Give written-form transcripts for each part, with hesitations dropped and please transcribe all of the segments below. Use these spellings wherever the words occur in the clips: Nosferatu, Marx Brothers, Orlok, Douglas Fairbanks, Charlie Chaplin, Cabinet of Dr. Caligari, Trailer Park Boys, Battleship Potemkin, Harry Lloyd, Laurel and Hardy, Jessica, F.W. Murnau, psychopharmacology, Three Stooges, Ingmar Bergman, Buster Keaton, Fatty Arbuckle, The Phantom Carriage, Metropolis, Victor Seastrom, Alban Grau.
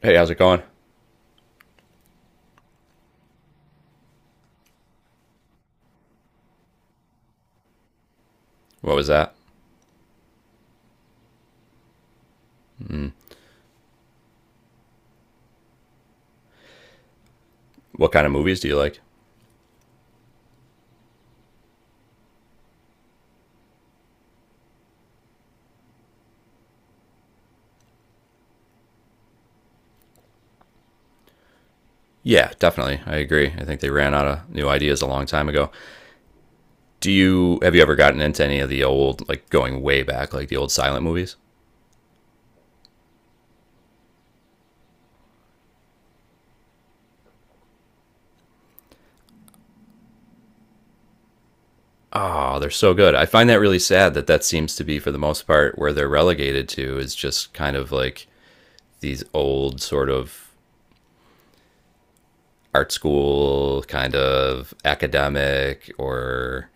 Hey, how's it going? What was that? What kind of movies do you like? Yeah, definitely. I agree. I think they ran out of new ideas a long time ago. Do you have you ever gotten into any of the old, like going way back, like the old silent movies? Oh, they're so good. I find that really sad that that seems to be, for the most part, where they're relegated to is just kind of like these old sort of art school kind of academic or,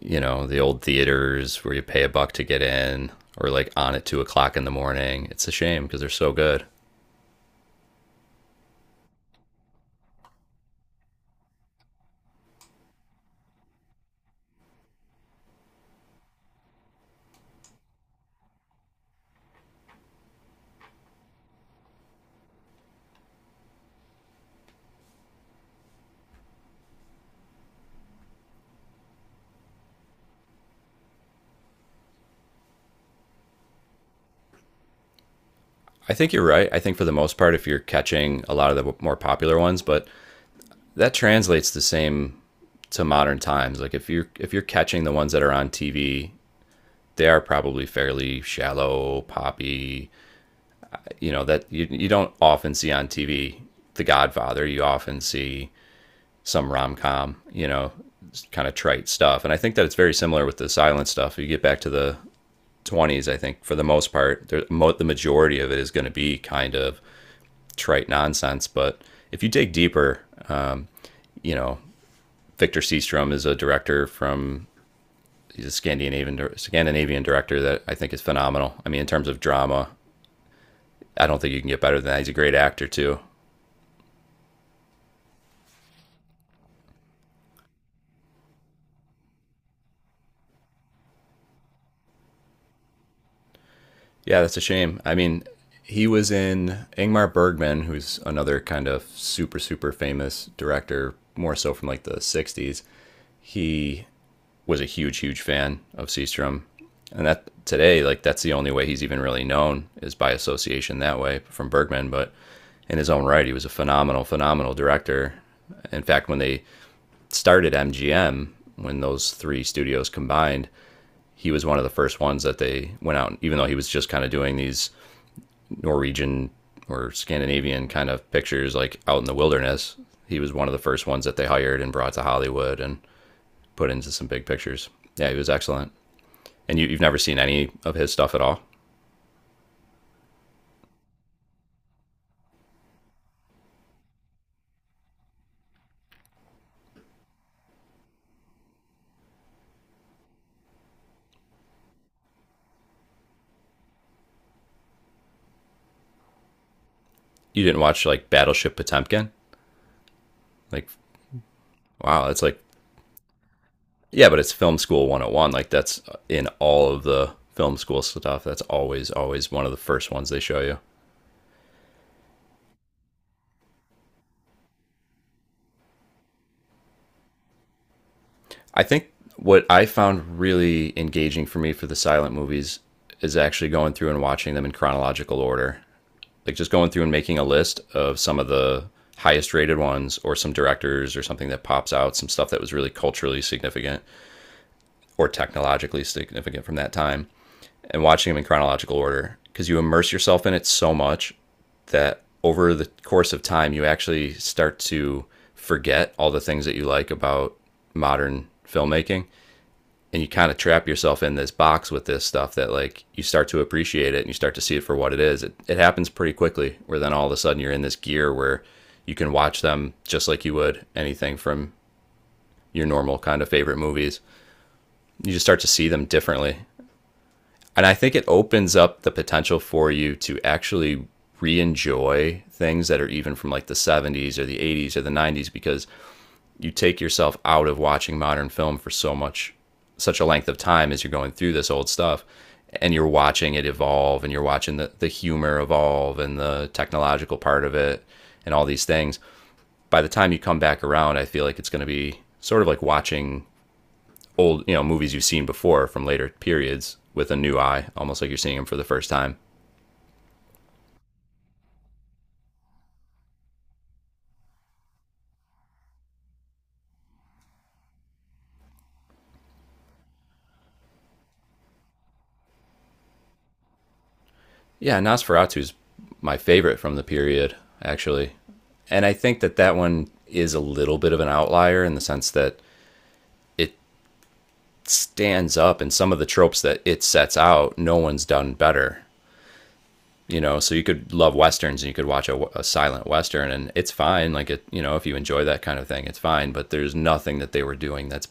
you know, the old theaters where you pay a buck to get in or like on at 2 o'clock in the morning. It's a shame because they're so good. I think you're right. I think for the most part, if you're catching a lot of the more popular ones, but that translates the same to modern times. Like if you're catching the ones that are on TV, they are probably fairly shallow, poppy. You know that you don't often see on TV. The Godfather. You often see some rom com, you know, kind of trite stuff. And I think that it's very similar with the silent stuff. You get back to the 20s, I think for the most part, the majority of it is going to be kind of trite nonsense. But if you dig deeper, you know, Victor Seastrom is a director from, he's a Scandinavian, Scandinavian director that I think is phenomenal. I mean, in terms of drama, I don't think you can get better than that. He's a great actor too. Yeah, that's a shame. I mean, he was in Ingmar Bergman, who's another kind of super, super famous director, more so from like the 60s. He was a huge, huge fan of Seastrom. And that today, like, that's the only way he's even really known is by association that way from Bergman. But in his own right, he was a phenomenal, phenomenal director. In fact, when they started MGM, when those three studios combined, he was one of the first ones that they went out, even though he was just kind of doing these Norwegian or Scandinavian kind of pictures, like out in the wilderness. He was one of the first ones that they hired and brought to Hollywood and put into some big pictures. Yeah, he was excellent. And you've never seen any of his stuff at all? You didn't watch like Battleship Potemkin? Like, wow, that's like, yeah, but it's film school 101. Like, that's in all of the film school stuff. That's always, always one of the first ones they show you. I think what I found really engaging for me for the silent movies is actually going through and watching them in chronological order. Like just going through and making a list of some of the highest rated ones or some directors or something that pops out, some stuff that was really culturally significant or technologically significant from that time, and watching them in chronological order because you immerse yourself in it so much that over the course of time, you actually start to forget all the things that you like about modern filmmaking, and you kind of trap yourself in this box with this stuff that, like, you start to appreciate it and you start to see it for what it is. It happens pretty quickly where then all of a sudden you're in this gear where you can watch them just like you would anything from your normal kind of favorite movies. You just start to see them differently. And I think it opens up the potential for you to actually re enjoy things that are even from like the 70s or the 80s or the 90s because you take yourself out of watching modern film for so much, such a length of time, as you're going through this old stuff and you're watching it evolve and you're watching the humor evolve and the technological part of it and all these things. By the time you come back around, I feel like it's going to be sort of like watching old, you know, movies you've seen before from later periods with a new eye, almost like you're seeing them for the first time. Yeah, Nosferatu is my favorite from the period, actually. And I think that that one is a little bit of an outlier in the sense that it stands up and some of the tropes that it sets out, no one's done better. You know, so you could love westerns and you could watch a silent western and it's fine. Like it, you know, if you enjoy that kind of thing, it's fine. But there's nothing that they were doing that's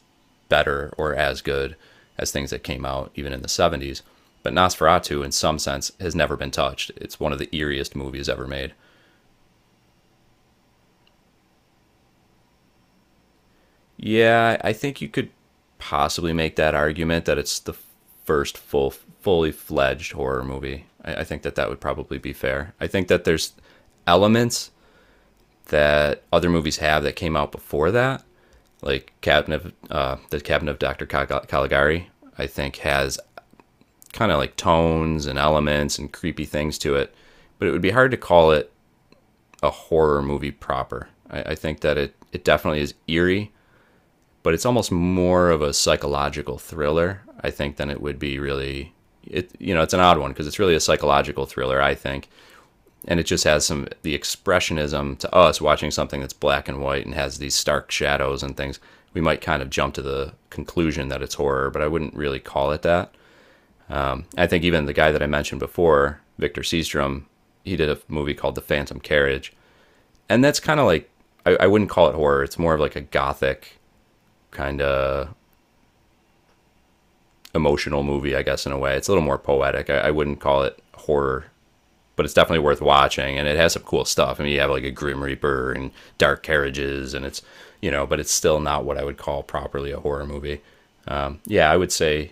better or as good as things that came out even in the 70s. But Nosferatu, in some sense, has never been touched. It's one of the eeriest movies ever made. Yeah, I think you could possibly make that argument that it's the first full, fully fledged horror movie. I think that that would probably be fair. I think that there's elements that other movies have that came out before that, like the Cabinet of Dr. Caligari. I think has kind of like tones and elements and creepy things to it, but it would be hard to call it a horror movie proper. I think that it definitely is eerie, but it's almost more of a psychological thriller, I think, than it would be really. It, you know, it's an odd one because it's really a psychological thriller, I think, and it just has some the expressionism to us watching something that's black and white and has these stark shadows and things. We might kind of jump to the conclusion that it's horror, but I wouldn't really call it that. I think even the guy that I mentioned before, Victor Seastrom, he did a movie called The Phantom Carriage, and that's kind of like, I wouldn't call it horror. It's more of like a gothic kind of emotional movie, I guess, in a way. It's a little more poetic. I wouldn't call it horror, but it's definitely worth watching. And it has some cool stuff. I mean, you have like a Grim Reaper and dark carriages, and it's, you know, but it's still not what I would call properly a horror movie. Yeah, I would say,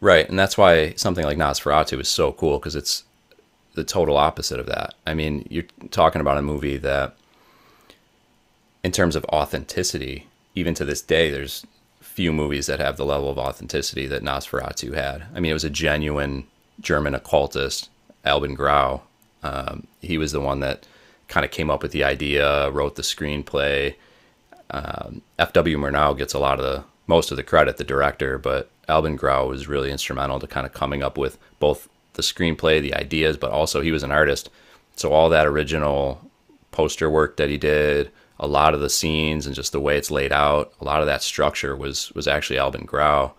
right. And that's why something like Nosferatu is so cool because it's the total opposite of that. I mean, you're talking about a movie that in terms of authenticity, even to this day, there's few movies that have the level of authenticity that Nosferatu had. I mean, it was a genuine German occultist, Alban Grau. He was the one that kind of came up with the idea, wrote the screenplay. F.W. Murnau gets a lot of the most of the credit, the director, but Alvin Grau was really instrumental to kind of coming up with both the screenplay, the ideas, but also he was an artist. So all that original poster work that he did, a lot of the scenes and just the way it's laid out, a lot of that structure was actually Alvin Grau.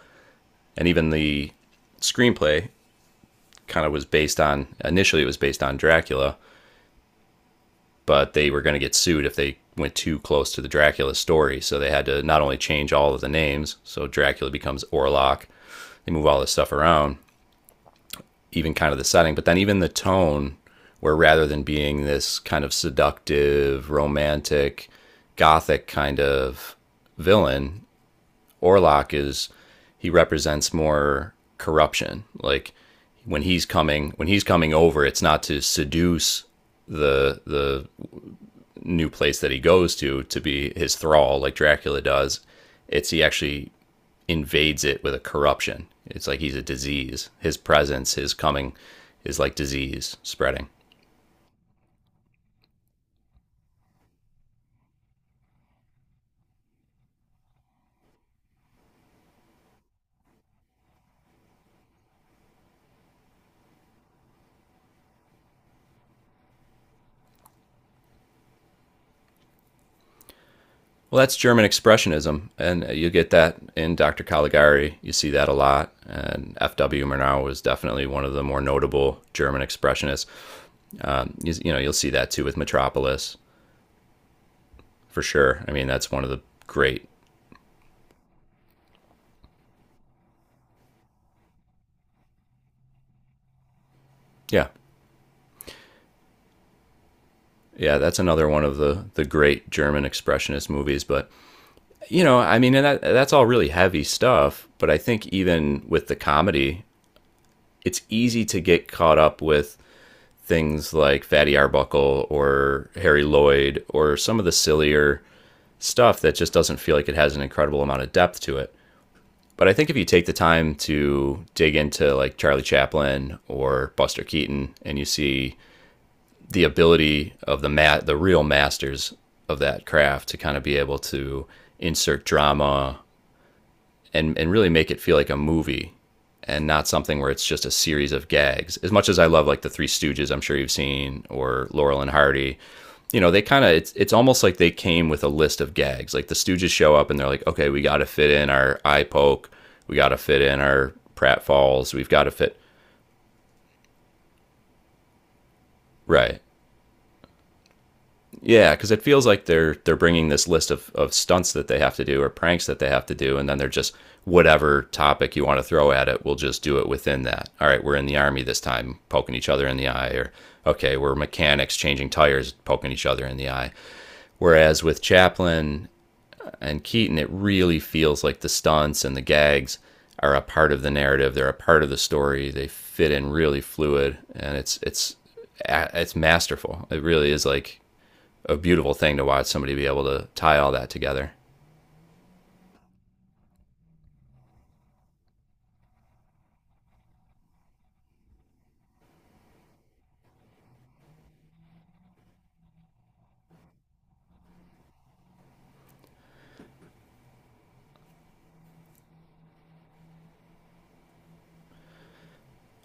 And even the screenplay kind of was based on, initially it was based on Dracula, but they were going to get sued if they went too close to the Dracula story. So they had to not only change all of the names, so Dracula becomes Orlok. They move all this stuff around, even kind of the setting, but then even the tone, where rather than being this kind of seductive, romantic, gothic kind of villain, Orlok is, he represents more corruption. Like when he's coming over, it's not to seduce the new place that he goes to be his thrall, like Dracula does. It's he actually invades it with a corruption. It's like he's a disease. His presence, his coming, is like disease spreading. Well, that's German expressionism, and you get that in Dr. Caligari. You see that a lot, and F.W. Murnau was definitely one of the more notable German expressionists. You know, you'll see that too with Metropolis for sure. I mean, that's one of the great, yeah. Yeah, that's another one of the great German expressionist movies. But, you know, I mean, and that's all really heavy stuff. But I think even with the comedy, it's easy to get caught up with things like Fatty Arbuckle or Harry Lloyd or some of the sillier stuff that just doesn't feel like it has an incredible amount of depth to it. But I think if you take the time to dig into like Charlie Chaplin or Buster Keaton and you see the ability of the real masters of that craft to kind of be able to insert drama and really make it feel like a movie and not something where it's just a series of gags. As much as I love like the Three Stooges, I'm sure you've seen or Laurel and Hardy, they kind of it's almost like they came with a list of gags. Like the Stooges show up and they're like, "Okay, we got to fit in our eye poke, we got to fit in our pratfalls, we've got to fit right." Yeah, because it feels like they're bringing this list of stunts that they have to do or pranks that they have to do, and then they're just whatever topic you want to throw at it, we'll just do it within that. All right, we're in the army this time, poking each other in the eye, or okay, we're mechanics changing tires, poking each other in the eye. Whereas with Chaplin and Keaton, it really feels like the stunts and the gags are a part of the narrative. They're a part of the story. They fit in really fluid, and it's masterful. It really is like a beautiful thing to watch somebody be able to tie all that together.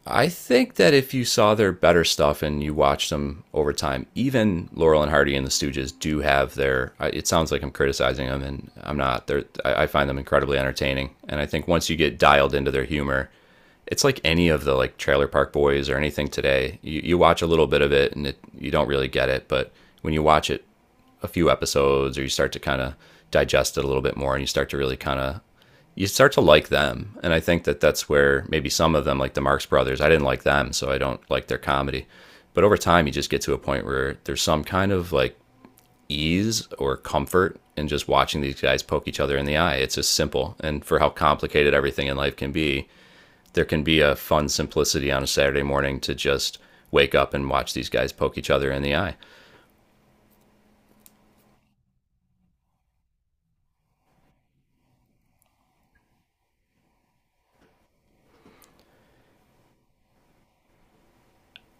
I think that if you saw their better stuff and you watched them over time, even Laurel and Hardy and the Stooges do have their. It sounds like I'm criticizing them, and I'm not. They're, I find them incredibly entertaining, and I think once you get dialed into their humor, it's like any of the like Trailer Park Boys or anything today. You watch a little bit of it and it, you don't really get it, but when you watch it a few episodes or you start to kind of digest it a little bit more and you start to like them, and I think that that's where maybe some of them, like the Marx Brothers, I didn't like them, so I don't like their comedy. But over time, you just get to a point where there's some kind of like ease or comfort in just watching these guys poke each other in the eye. It's just simple, and for how complicated everything in life can be, there can be a fun simplicity on a Saturday morning to just wake up and watch these guys poke each other in the eye.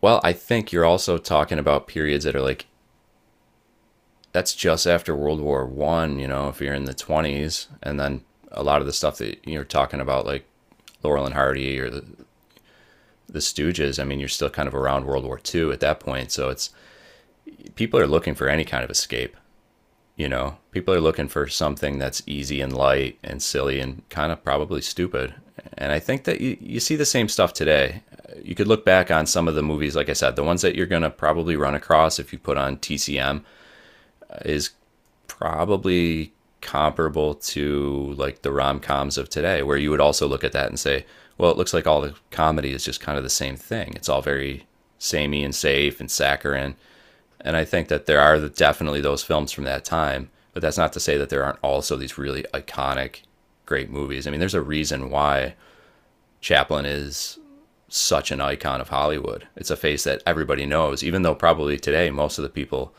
Well, I think you're also talking about periods that are like that's just after World War I. You know, if you're in the 20s, and then a lot of the stuff that you're talking about, like Laurel and Hardy or the Stooges. I mean, you're still kind of around World War II at that point, so it's people are looking for any kind of escape. You know, people are looking for something that's easy and light and silly and kind of probably stupid. And I think that you see the same stuff today. You could look back on some of the movies, like I said, the ones that you're going to probably run across if you put on TCM is probably comparable to like the rom coms of today, where you would also look at that and say, well, it looks like all the comedy is just kind of the same thing. It's all very samey and safe and saccharine. And I think that there are definitely those films from that time, but that's not to say that there aren't also these really iconic, great movies. I mean, there's a reason why Chaplin is such an icon of Hollywood. It's a face that everybody knows, even though probably today most of the people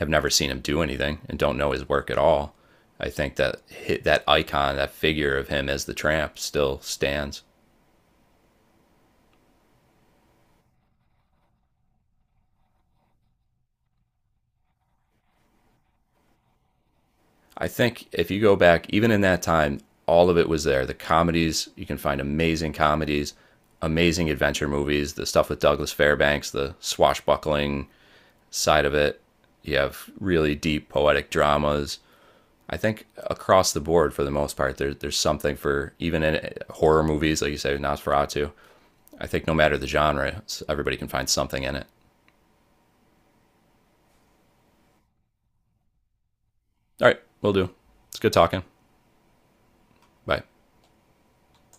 have never seen him do anything and don't know his work at all. I think that that icon, that figure of him as the tramp, still stands. I think if you go back, even in that time, all of it was there. The comedies, you can find amazing comedies, amazing adventure movies, the stuff with Douglas Fairbanks, the swashbuckling side of it. You have really deep poetic dramas. I think across the board, for the most part, there's something for even in horror movies, like you say, Nosferatu. I think no matter the genre, everybody can find something in it. All right, we'll do. It's good talking. Bye.